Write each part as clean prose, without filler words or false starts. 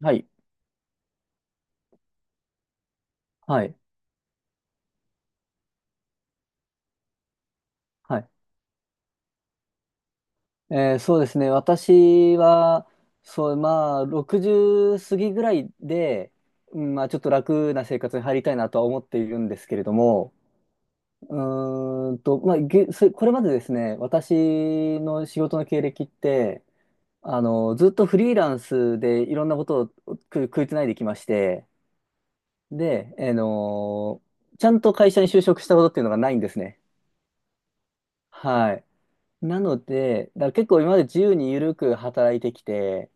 はい。はい。はい。そうですね。私は、そう、まあ、60過ぎぐらいで、うんまあ、ちょっと楽な生活に入りたいなとは思っているんですけれども、うまあ、これまでですね、私の仕事の経歴って、ずっとフリーランスでいろんなことを食いつないできまして、で、ちゃんと会社に就職したことっていうのがないんですね。はい。なので、だから結構今まで自由に緩く働いてきて、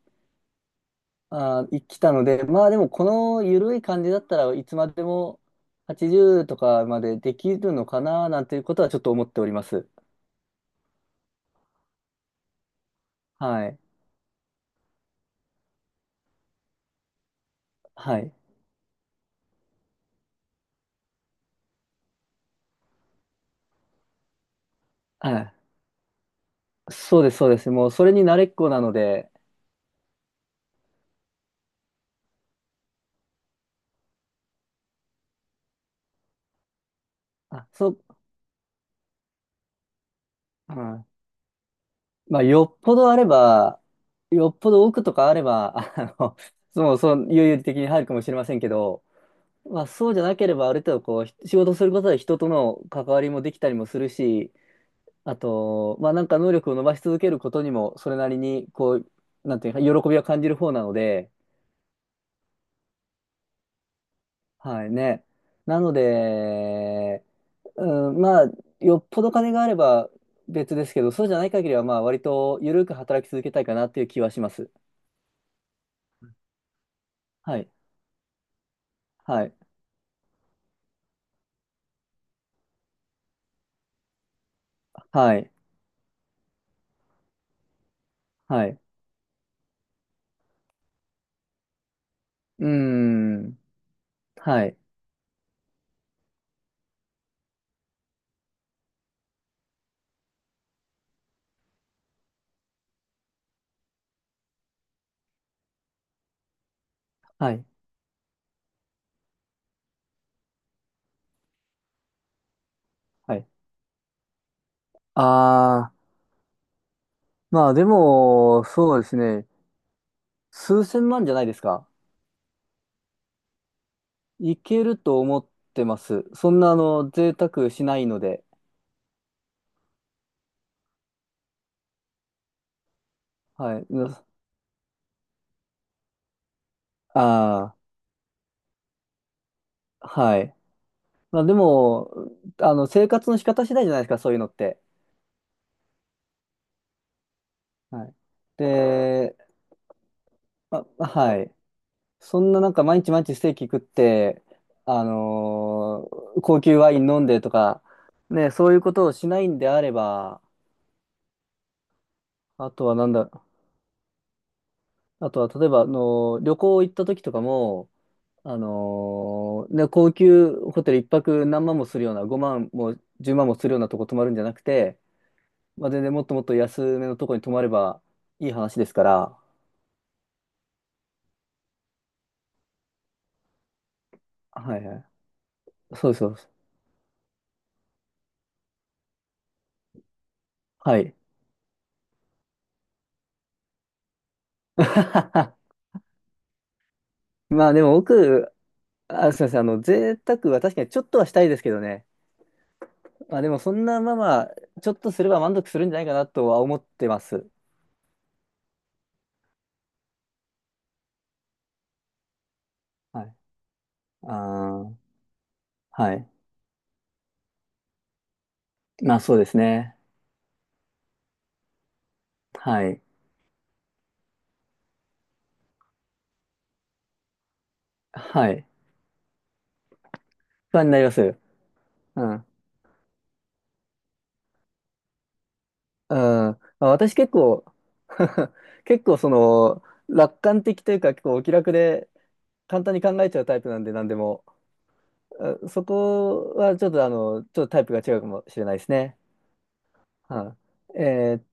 生きたので、まあでもこの緩い感じだったらいつまでも80とかまでできるのかななんていうことはちょっと思っております。はい。はい。はい。そうです、そうです。もうそれに慣れっこなので、あ、そう、うん。まあよっぽどあれば、よっぽど奥とかあれば、もうそう、有々的に入るかもしれませんけど、まあそうじゃなければある程度こう仕事することで人との関わりもできたりもするし、あと、まあなんか能力を伸ばし続けることにもそれなりにこう、なんていうか、喜びは感じる方なので、はいね。なので、うん、まあよっぽど金があれば別ですけど、そうじゃない限りはまあ割と緩く働き続けたいかなっていう気はします。はい。はい。はい。はい。うーん。はい。はい。はい。ああ、まあでも、そうですね。数千万じゃないですか。いけると思ってます。そんな、贅沢しないので。はい。ああはい。まあ、でも、生活の仕方次第じゃないですか、そういうのって。はい。で、あ、はい。そんななんか毎日毎日ステーキ食って、あの高級ワイン飲んでとか、ね、そういうことをしないんであれば、あとはなんだ、あとは例えば、旅行行った時とかも、ね、高級ホテル一泊何万もするような、5万も10万もするようなとこ泊まるんじゃなくて、まあ、全然もっともっと安めのとこに泊まればいい話ですから、はいはい。そうですそうです。はい。まあでも僕、あ、すみません、贅沢は確かにちょっとはしたいですけどね。まあでもそんなまあまあ、ちょっとすれば満足するんじゃないかなとは思ってます。はい。ああ、はい。まあそうですね。はい。はい。不安になります。うん。うんあ、私結構 結構その楽観的というか結構お気楽で簡単に考えちゃうタイプなんで何でも。あそこはちょっとちょっとタイプが違うかもしれないですね。はい、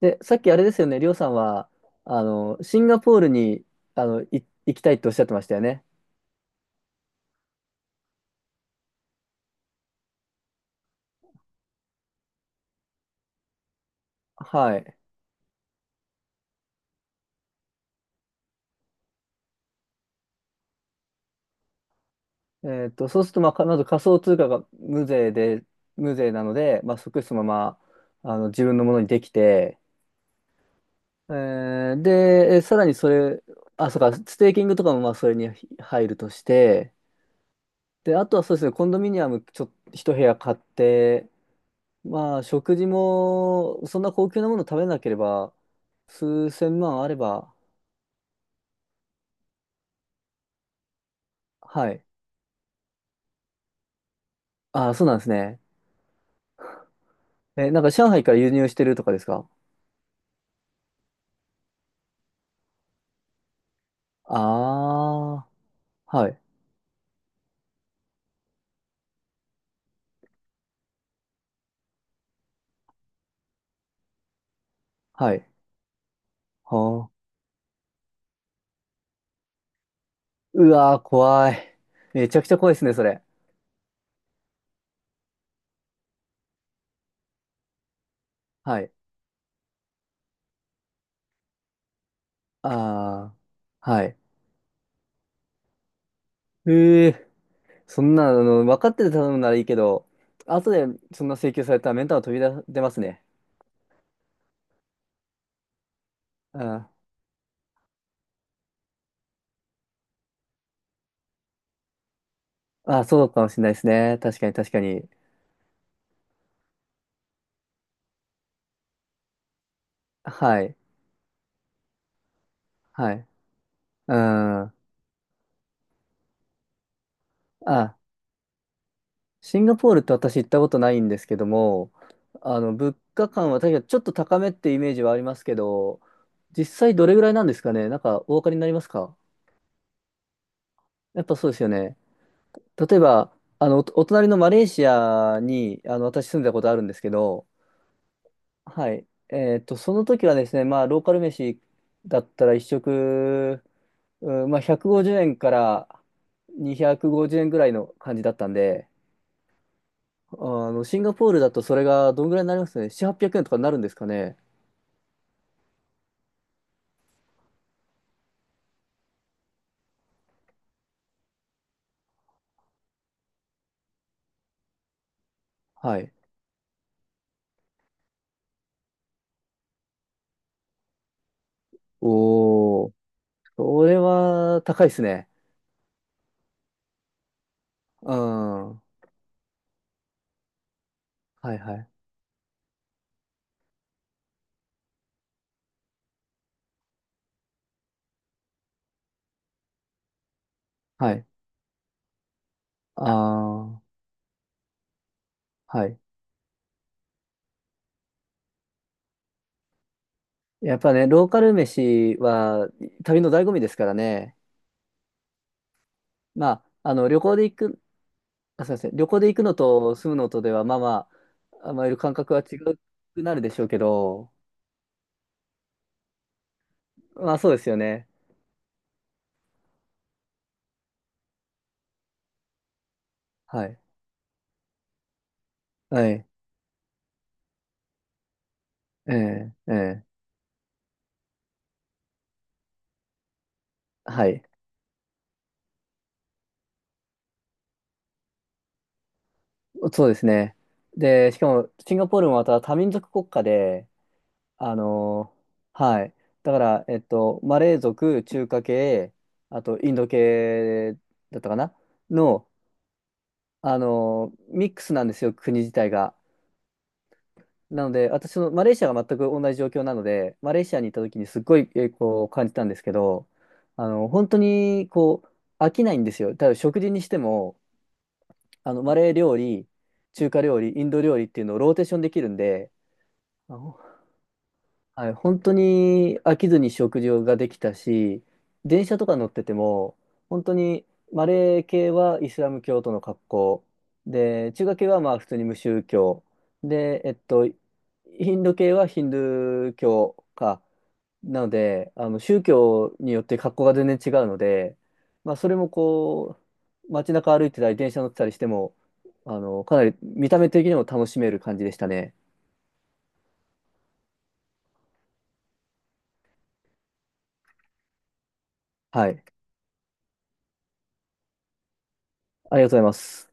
でさっきあれですよね、りょうさんはシンガポールにあのい行きたいっておっしゃってましたよね。はい。そうすると、まあ、まず仮想通貨が無税で、無税なので、まあ、即そのまま自分のものにできて、ーで、さらにそれ、あ、そうか、ステーキングとかもまあそれに入るとして、で、あとはそうですね、コンドミニアム一部屋買って、まあ食事もそんな高級なもの食べなければ、数千万あれば、はい。あ、そうなんですね。え、なんか上海から輸入してるとかですか？ああー、はい、はい。はあ、うわー、怖い。めちゃくちゃ怖いですね、それ。はい。ああ、はい。ええそんな、分かってて頼むならいいけど、後でそんな請求されたらメンタル飛び出、出ますね。うん。あ、そうかもしれないですね。確かに確かに。はい。はい。うん。あ、シンガポールって私行ったことないんですけども、物価感は確かにちょっと高めってイメージはありますけど、実際どれぐらいなんですかね。なんかお分かりになりますか？やっぱそうですよね。例えば、お隣のマレーシアに、私住んだことあるんですけど、はい。その時はですね、まあ、ローカル飯だったら一食、うんまあ、150円から250円ぐらいの感じだったんで、あシンガポールだとそれがどんぐらいになりますね。7、800円とかになるんですかね？はい。おー、それは高いですね。うん。はいはい。はい。ああ、はい。やっぱね、ローカル飯は旅の醍醐味ですからね。まあ、旅行で行くあ、すみません。旅行で行くのと住むのとでは、まあまあ、いる感覚は違くなるでしょうけど、まあそうですよね。はい。はい。ええ、ええ、はい。そうですね。で、しかも、シンガポールもまた多民族国家で、あのはい。だから、マレー族、中華系、あと、インド系だったかなの、ミックスなんですよ、国自体が。なので、私のマレーシアが全く同じ状況なので、マレーシアに行った時にすっごい、こう感じたんですけど、本当にこう飽きないんですよ。ただ食事にしても、マレー料理、中華料理、インド料理っていうのをローテーションできるんで、あはい、本当に飽きずに食事ができたし、電車とか乗ってても、本当にマレー系はイスラム教徒の格好、で、中華系はまあ普通に無宗教、で、インド系はヒンドゥー教か、なので、宗教によって格好が全然違うので、まあ、それもこう、街中歩いてたり、電車乗ってたりしても、かなり見た目的にも楽しめる感じでしたね。はい、ありがとうございます。